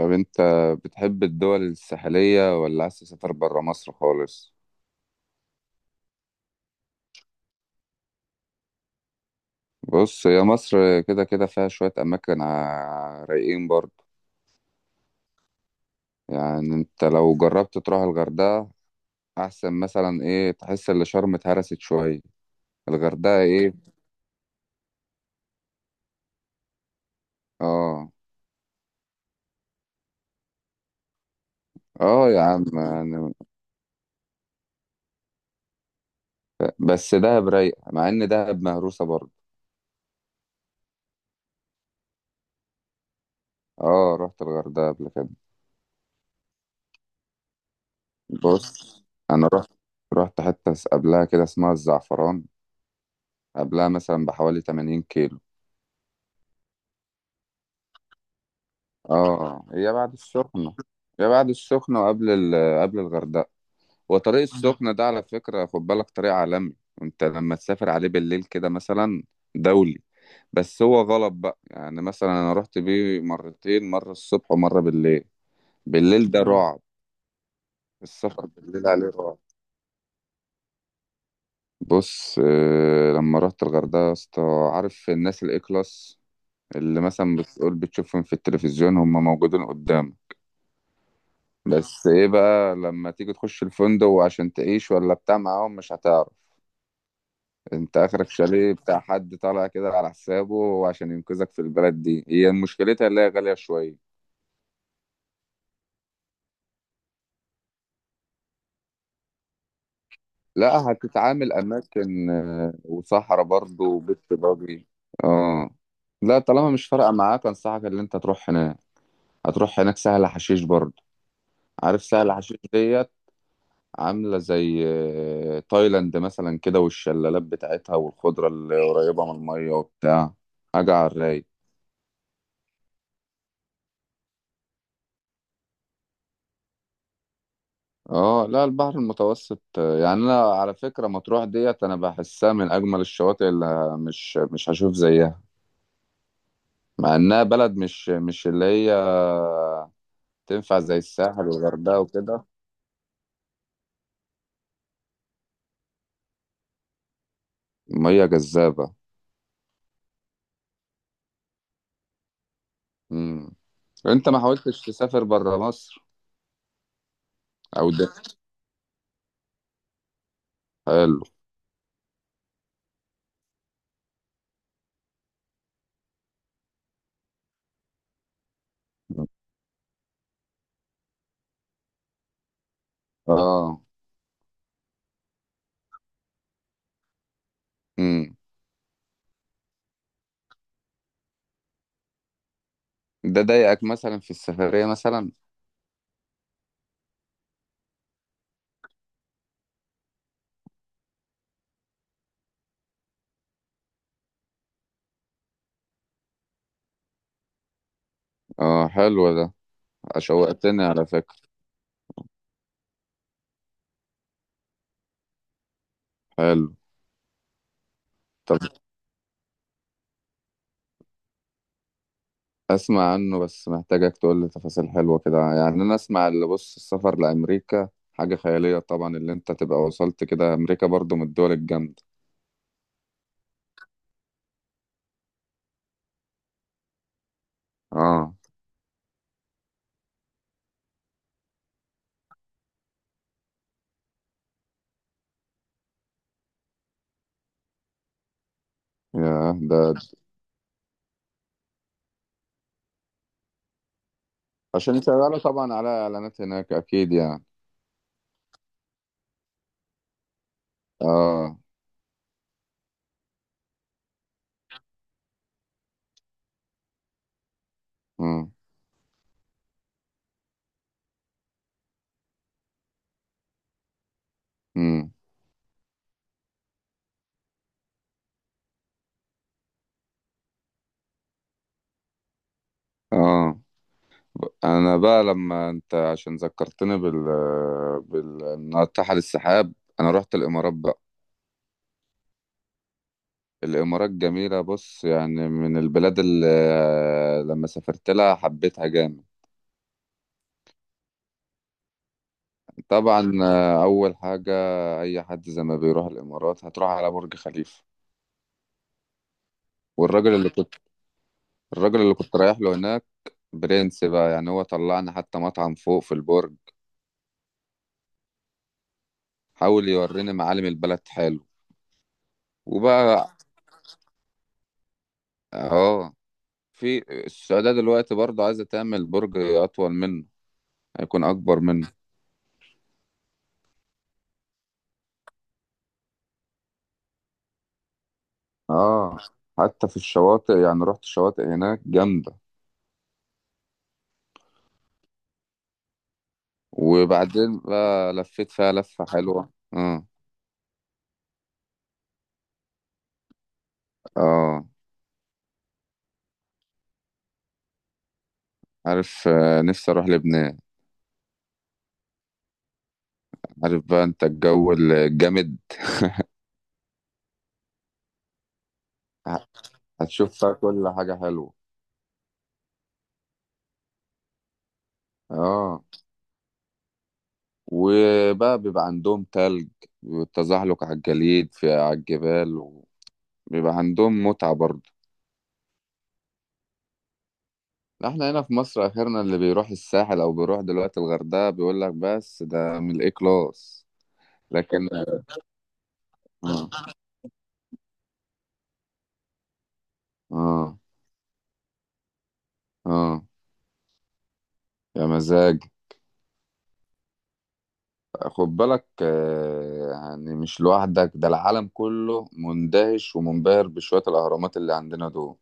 طب انت بتحب الدول الساحلية ولا عايز تسافر برا مصر خالص؟ بص، هي مصر كده كده فيها شوية أماكن رايقين برضه. يعني انت لو جربت تروح الغردقة أحسن مثلا، ايه؟ تحس إن شرم اتهرست شوية. الغردقة ايه. اه. اه يا عم، يعني بس دهب رايقة مع إن دهب مهروسة برضه. اه، رحت الغردقة قبل كده. بص، أنا رحت حتة قبلها كده اسمها الزعفران. قبلها مثلا بحوالي 80 كيلو. اه. اه، هي بعد السخنة. هي بعد السخنة وقبل قبل الغردقة. وطريق السخنة ده على فكرة، خد بالك، طريق عالمي، وانت لما تسافر عليه بالليل كده مثلا. دولي. بس هو غلط بقى، يعني مثلا انا رحت بيه مرتين، مرة الصبح ومرة بالليل. بالليل ده رعب. السفر بالليل عليه رعب. بص، لما رحت الغردقة يا اسطى، عارف الناس الاي كلاس اللي مثلا بتقول بتشوفهم في التلفزيون، هم موجودين قدامك. بس ايه بقى، لما تيجي تخش الفندق وعشان تعيش ولا بتاع معاهم، مش هتعرف. انت اخرك شاليه بتاع حد طالع كده على حسابه، وعشان ينقذك في البلد دي، هي مشكلتها اللي هي غالية شوية. لا، هتتعامل اماكن، وصحراء برضه وبيت باجي. اه. لا، طالما مش فارقة معاك، انصحك ان انت تروح هناك. هتروح هناك سهل حشيش برضه. عارف سهل حشيش ديت. عاملة زي تايلاند مثلا كده، والشلالات بتاعتها والخضرة اللي قريبة من المية وبتاع. حاجة على الرايق. اه لا، البحر المتوسط، يعني انا على فكرة مطروح ديت، انا بحسها من اجمل الشواطئ اللي مش هشوف زيها، مع انها بلد مش اللي هي تنفع زي الساحل والغردقة وكده. مية جذابة. مم. انت ما حاولتش تسافر برا مصر؟ او ده حلو. اه. مم. ده ضايقك مثلا في السفرية مثلا؟ اه حلو ده. شوقتني على فكرة. حلو. طب اسمع عنه، بس محتاجك تقول لي تفاصيل حلوة كده، يعني انا اسمع اللي بص، السفر لأمريكا حاجة خيالية طبعا، اللي انت تبقى وصلت كده امريكا برضو من الدول الجامدة. اه. يا ده. عشان يشغلوا طبعا على اعلانات هناك اكيد يعني. اه. امم. امم. اه. انا بقى لما انت عشان ذكرتني بال إنها تحت السحاب. انا رحت الامارات بقى. الإمارات جميلة. بص يعني من البلاد اللي لما سافرت لها حبيتها جامد. طبعا أول حاجة، أي حد زي ما بيروح الإمارات هتروح على برج خليفة. والراجل اللي كنت، الراجل اللي كنت رايح له هناك، برنس بقى، يعني هو طلعنا حتى مطعم فوق في البرج. حاول يوريني معالم البلد، حلو. وبقى. اه. في السعودية دلوقتي برضه عايزة تعمل برج أطول منه. هيكون أكبر منه. اه. حتى في الشواطئ، يعني رحت الشواطئ هناك جامدة. وبعدين بقى لفيت فيها لفة حلوة. اه. اه، عارف، نفسي اروح لبنان. عارف بقى انت الجو الجامد. ه- هتشوف فيها كل حاجة حلوة. اه. وبقى بيبقى عندهم تلج، والتزحلق على الجليد في على الجبال، وبيبقى عندهم متعة برضه. احنا هنا في مصر اخرنا اللي بيروح الساحل او بيروح دلوقتي الغردقة، بيقول لك بس ده من الاي كلاس. لكن. اه. اه، آه. يا مزاج. خد بالك يعني مش لوحدك، ده العالم كله مندهش ومنبهر بشوية الأهرامات اللي عندنا دول.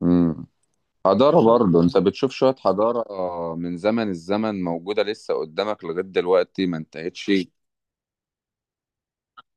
مم. حضارة برضه، أنت بتشوف شوية حضارة من زمن الزمن موجودة لسه قدامك لغاية دلوقتي ما انتهتش.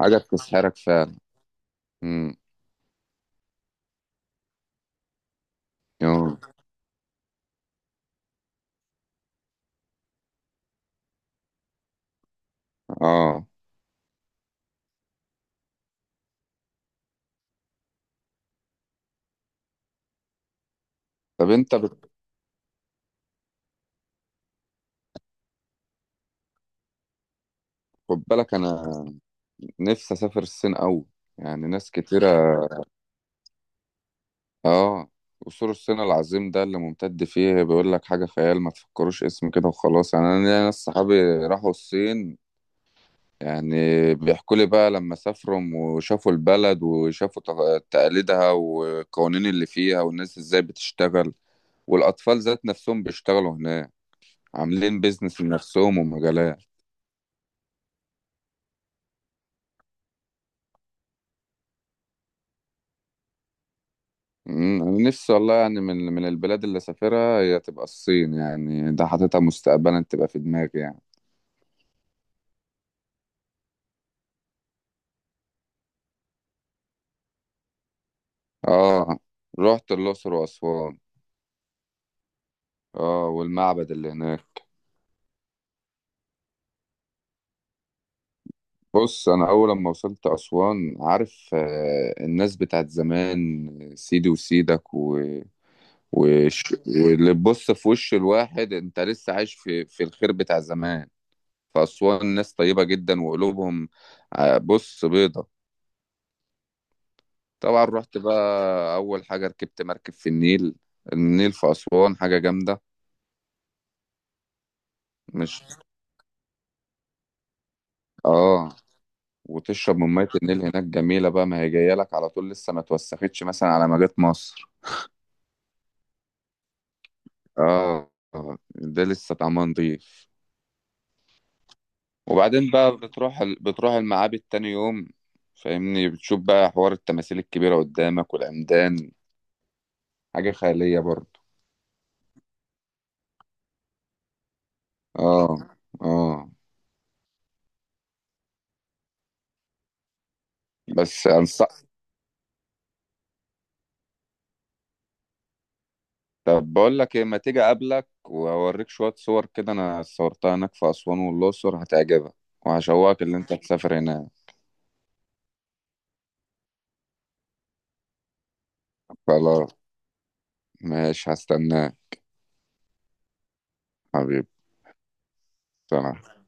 حاجة بتسحرك فعلا. مم. يوه. آه. طب أنت خد بالك، أنا نفسي أسافر الصين أوي. يعني ناس كتيرة. اه. قصور الصين العظيم ده اللي ممتد فيه، بيقول لك حاجة خيال. ما تفكروش اسم كده وخلاص. يعني انا ليا ناس صحابي راحوا الصين. يعني بيحكوا لي بقى لما سافروا وشافوا البلد وشافوا تقاليدها، والقوانين اللي فيها، والناس ازاي بتشتغل، والاطفال ذات نفسهم بيشتغلوا هناك عاملين بيزنس لنفسهم ومجالات. انا نفسي والله، يعني من البلاد اللي سافرها هي تبقى الصين، يعني ده حاططها مستقبلا تبقى في دماغي يعني. اه، رحت الأقصر وأسوان. اه، والمعبد اللي هناك. بص، أنا أول ما وصلت أسوان عارف، الناس بتاعت زمان سيدي وسيدك واللي تبص في وش الواحد، أنت لسه عايش في الخير بتاع زمان. فأسوان ناس طيبة جدا وقلوبهم، بص، بيضة. طبعا رحت بقى أول حاجة، ركبت مركب في النيل. النيل في أسوان حاجة جامدة. مش. اه. وتشرب من ميه النيل هناك جميله بقى، ما هي جايه لك على طول لسه ما توسختش مثلا على ما جت مصر. اه، ده لسه طعمها نضيف. وبعدين بقى بتروح بتروح المعابد تاني يوم. فاهمني، بتشوف بقى حوار التماثيل الكبيره قدامك والعمدان. حاجه خياليه برضه. اه. اه. بس انصح، طب بقول لك ايه، ما تيجي اقابلك واوريك شويه صور كده انا صورتها هناك في اسوان والاقصر، هتعجبك وهشوقك اللي انت تسافر هناك. خلاص، ماشي، هستناك. حبيبي. سنة.